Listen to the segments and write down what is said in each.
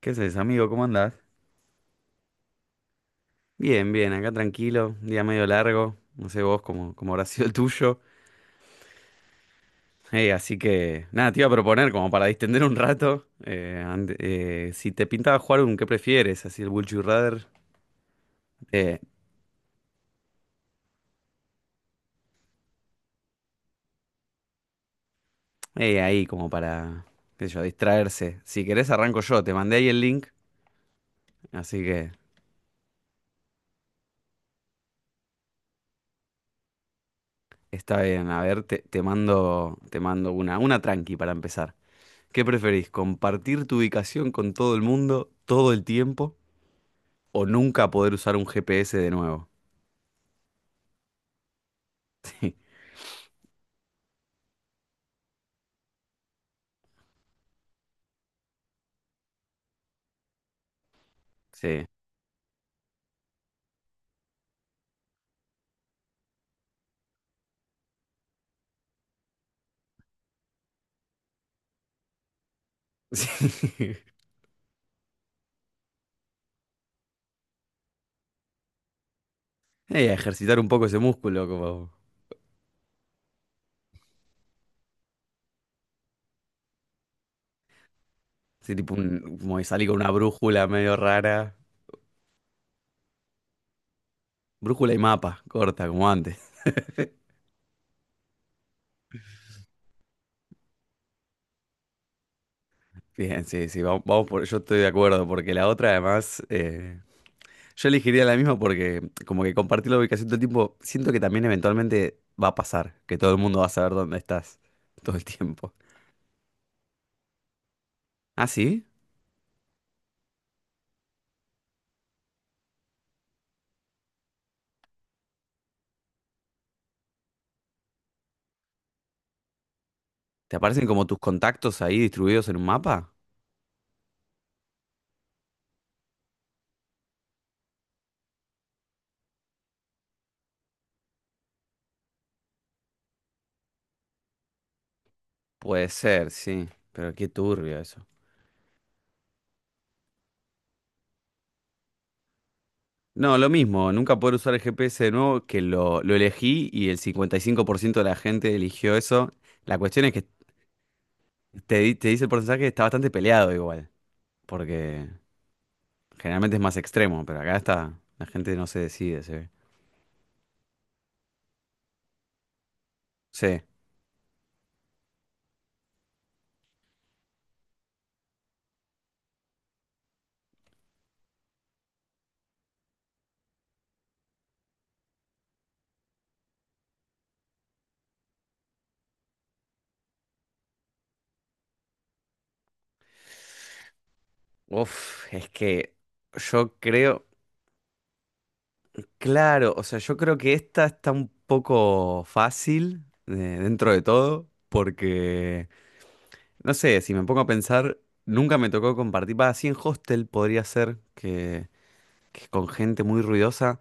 ¿Qué haces, amigo? ¿Cómo andás? Bien, bien, acá tranquilo, día medio largo, no sé vos cómo habrá sido el tuyo. Así que, nada, te iba a proponer como para distender un rato, si te pintaba jugar un qué prefieres, así el Would You Rather, eh, ahí como para, qué sé yo, distraerse. Si querés arranco yo, te mandé ahí el link, así que está bien, a ver, te mando una tranqui para empezar. ¿Qué preferís? ¿Compartir tu ubicación con todo el mundo todo el tiempo, o nunca poder usar un GPS de nuevo? Sí. Sí. Y ejercitar un poco ese músculo, como, sí, tipo un- como salí con una brújula medio rara. Brújula y mapa, corta, como antes. Bien, sí, sí, vamos, vamos por, yo estoy de acuerdo, porque la otra además, yo elegiría la misma porque como que compartir la ubicación todo el tiempo, siento que también eventualmente va a pasar, que todo el mundo va a saber dónde estás todo el tiempo. ¿Ah, sí? ¿Te aparecen como tus contactos ahí distribuidos en un mapa? Puede ser, sí, pero qué turbio eso. No, lo mismo, nunca poder usar el GPS de nuevo, que lo elegí y el 55% de la gente eligió eso. La cuestión es que te dice el porcentaje está bastante peleado igual, porque generalmente es más extremo, pero acá está, la gente no se decide, se ve. Sí. Uf, es que yo creo, claro, o sea, yo creo que esta está un poco fácil dentro de todo, porque... No sé, si me pongo a pensar, nunca me tocó compartir. Va, así en hostel podría ser que con gente muy ruidosa.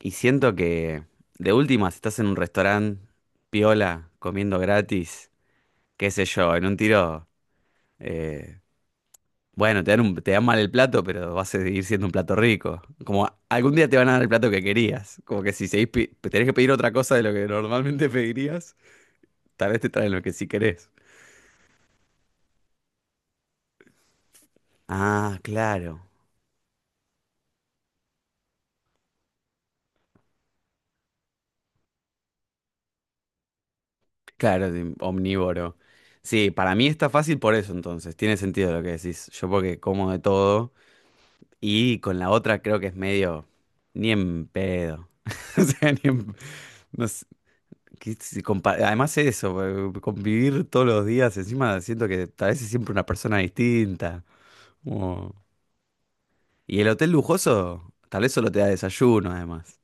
Y siento que, de última, si estás en un restaurante piola, comiendo gratis, qué sé yo, en un tiro, eh, bueno, te dan mal el plato, pero vas a seguir siendo un plato rico. Como algún día te van a dar el plato que querías. Como que si seguís tenés que pedir otra cosa de lo que normalmente pedirías, tal vez te traen lo que sí querés. Ah, claro. Claro, de omnívoro. Sí, para mí está fácil por eso entonces. Tiene sentido lo que decís. Yo porque como de todo y con la otra creo que es medio ni en pedo. O sea, ni en... No sé, que si compa- Además eso, convivir todos los días, encima siento que tal vez es siempre una persona distinta. Como... Y el hotel lujoso tal vez solo te da desayuno además.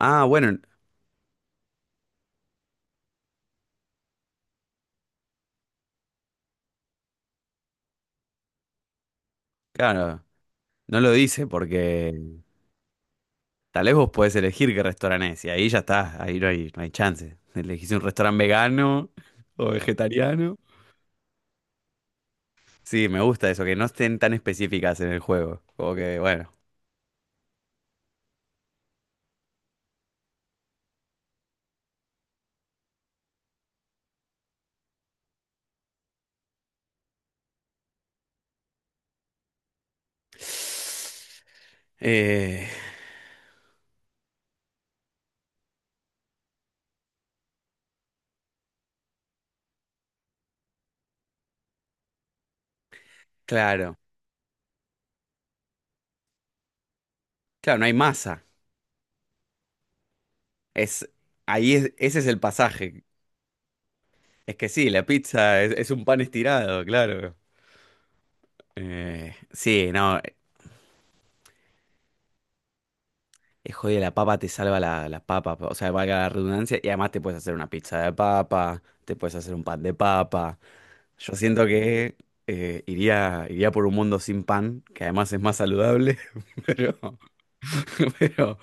Ah, bueno, claro, no lo dice porque... Tal vez vos podés elegir qué restaurante es, y ahí ya está, ahí no hay, no hay chance. Elegís un restaurante vegano o vegetariano. Sí, me gusta eso, que no estén tan específicas en el juego. Como que, bueno. Eh, claro, claro, no hay masa. Es, ahí es- ese es el pasaje. Es que sí, la pizza es un pan estirado, claro. Sí, no, joder, la papa te salva la, la papa, o sea, valga la redundancia, y además te puedes hacer una pizza de papa, te puedes hacer un pan de papa. Yo siento que iría por un mundo sin pan, que además es más saludable, pero, pero,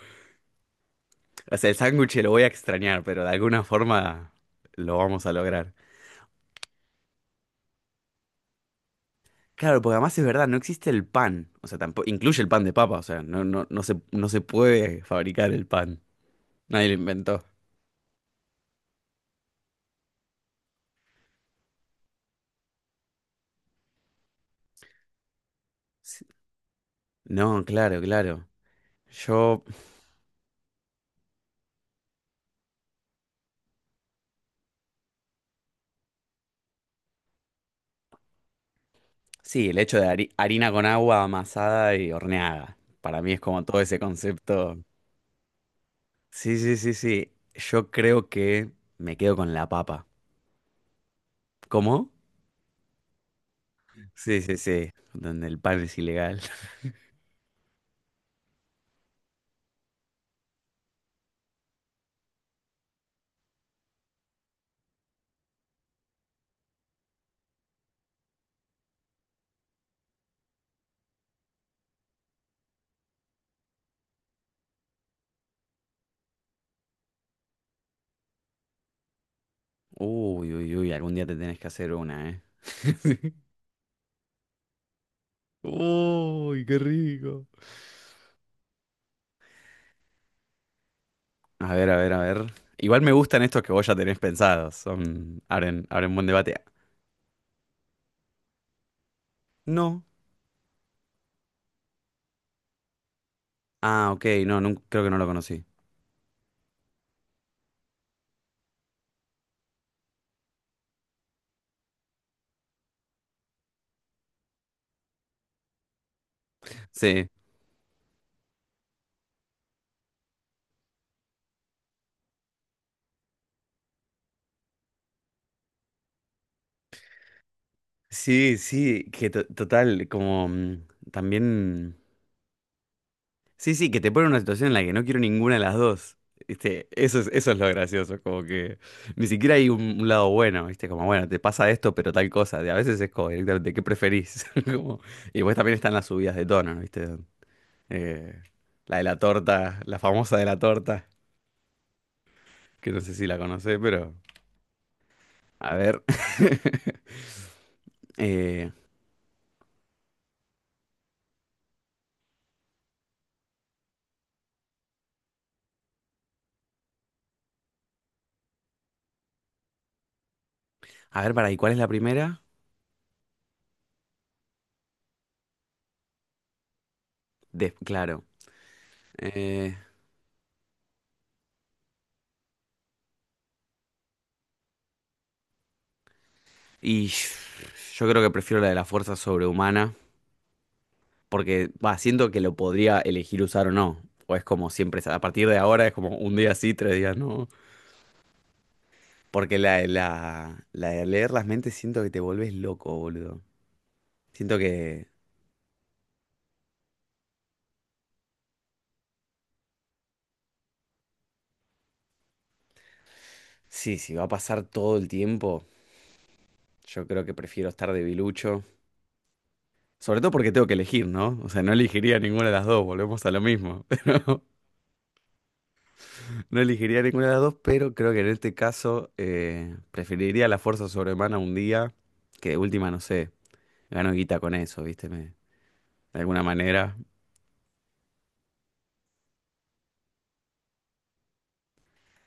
o sea, el sándwich lo voy a extrañar, pero de alguna forma lo vamos a lograr. Claro, porque además es verdad, no existe el pan, o sea, tampoco, incluye el pan de papa, o sea, no, no, no se puede fabricar el pan, nadie lo inventó. Sí. No, claro, claro. Yo Sí, el hecho de harina con agua amasada y horneada. Para mí es como todo ese concepto. Sí, sí, sí, sí. Yo creo que me quedo con la papa. ¿Cómo? Sí, sí, sí. Donde el pan es ilegal. Uy, uy, uy. Algún día te tenés que hacer una, ¿eh? Uy, qué rico. A ver, a ver, a ver. Igual me gustan estos que vos ya tenés pensados. Son... Abren buen debate. No. Ah, ok. No, creo que no lo conocí. Sí. Sí, sí, que total, como también... Sí, sí, que te pone en una situación en la que no quiero ninguna de las dos. ¿Viste? Eso es lo gracioso, como que ni siquiera hay un lado bueno, ¿viste? Como, bueno, te pasa esto, pero tal cosa. Y a veces es como directamente, ¿qué preferís? Como, y pues también están las subidas de tono, ¿viste? Eh, la de la torta, la famosa de la torta, que no sé si la conocés, pero... A ver. Eh, a ver, para, ¿y cuál es la primera? Claro. Eh, y yo creo que prefiero la de la fuerza sobrehumana, porque va, siento que lo podría elegir usar o no. O es como siempre, a partir de ahora es como un día sí, tres días no. Porque la de leer las mentes siento que te volvés loco, boludo. Siento que sí, si va a pasar todo el tiempo, yo creo que prefiero estar debilucho. Sobre todo porque tengo que elegir, ¿no? O sea, no elegiría ninguna de las dos, volvemos a lo mismo. No elegiría ninguna de las dos, pero creo que en este caso preferiría la fuerza sobrehumana un día, que de última, no sé, gano guita con eso, ¿viste? De alguna manera.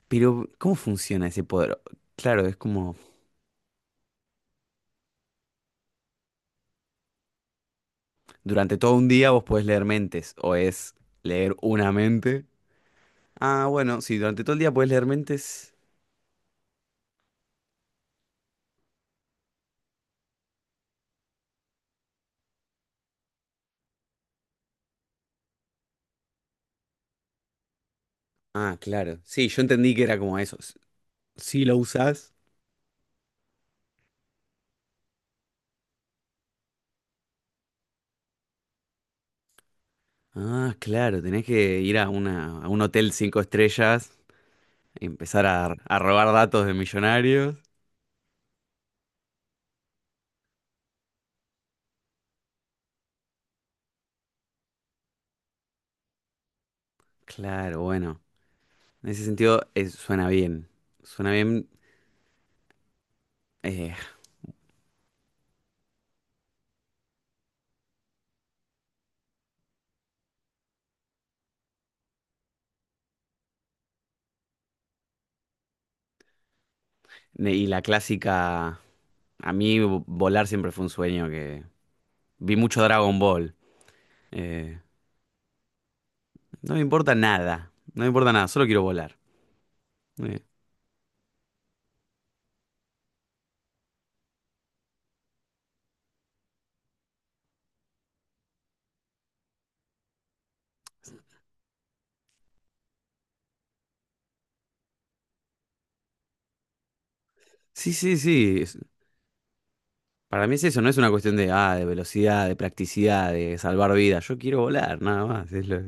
Pero, ¿cómo funciona ese poder? Claro, es como durante todo un día vos podés leer mentes, o es leer una mente. Ah, bueno, sí, durante todo el día podés leer mentes. Ah, claro. Sí, yo entendí que era como eso. Si lo usás. Ah, claro, tenés que ir a una, a un hotel cinco estrellas. Empezar a robar datos de millonarios. Claro, bueno. En ese sentido, suena bien. Suena bien. eh, y la clásica. A mí volar siempre fue un sueño que. Vi mucho Dragon Ball. Eh, no me importa nada. No me importa nada. Solo quiero volar. Eh, sí, sí, sí. Para mí es eso. No es una cuestión de, ah, de velocidad, de practicidad, de salvar vidas. Yo quiero volar, nada más.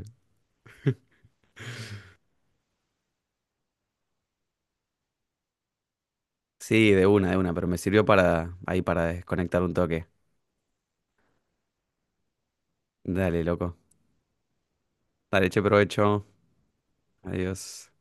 Sí, de una, de una. Pero me sirvió para ahí para desconectar un toque. Dale, loco. Dale, che provecho. Adiós.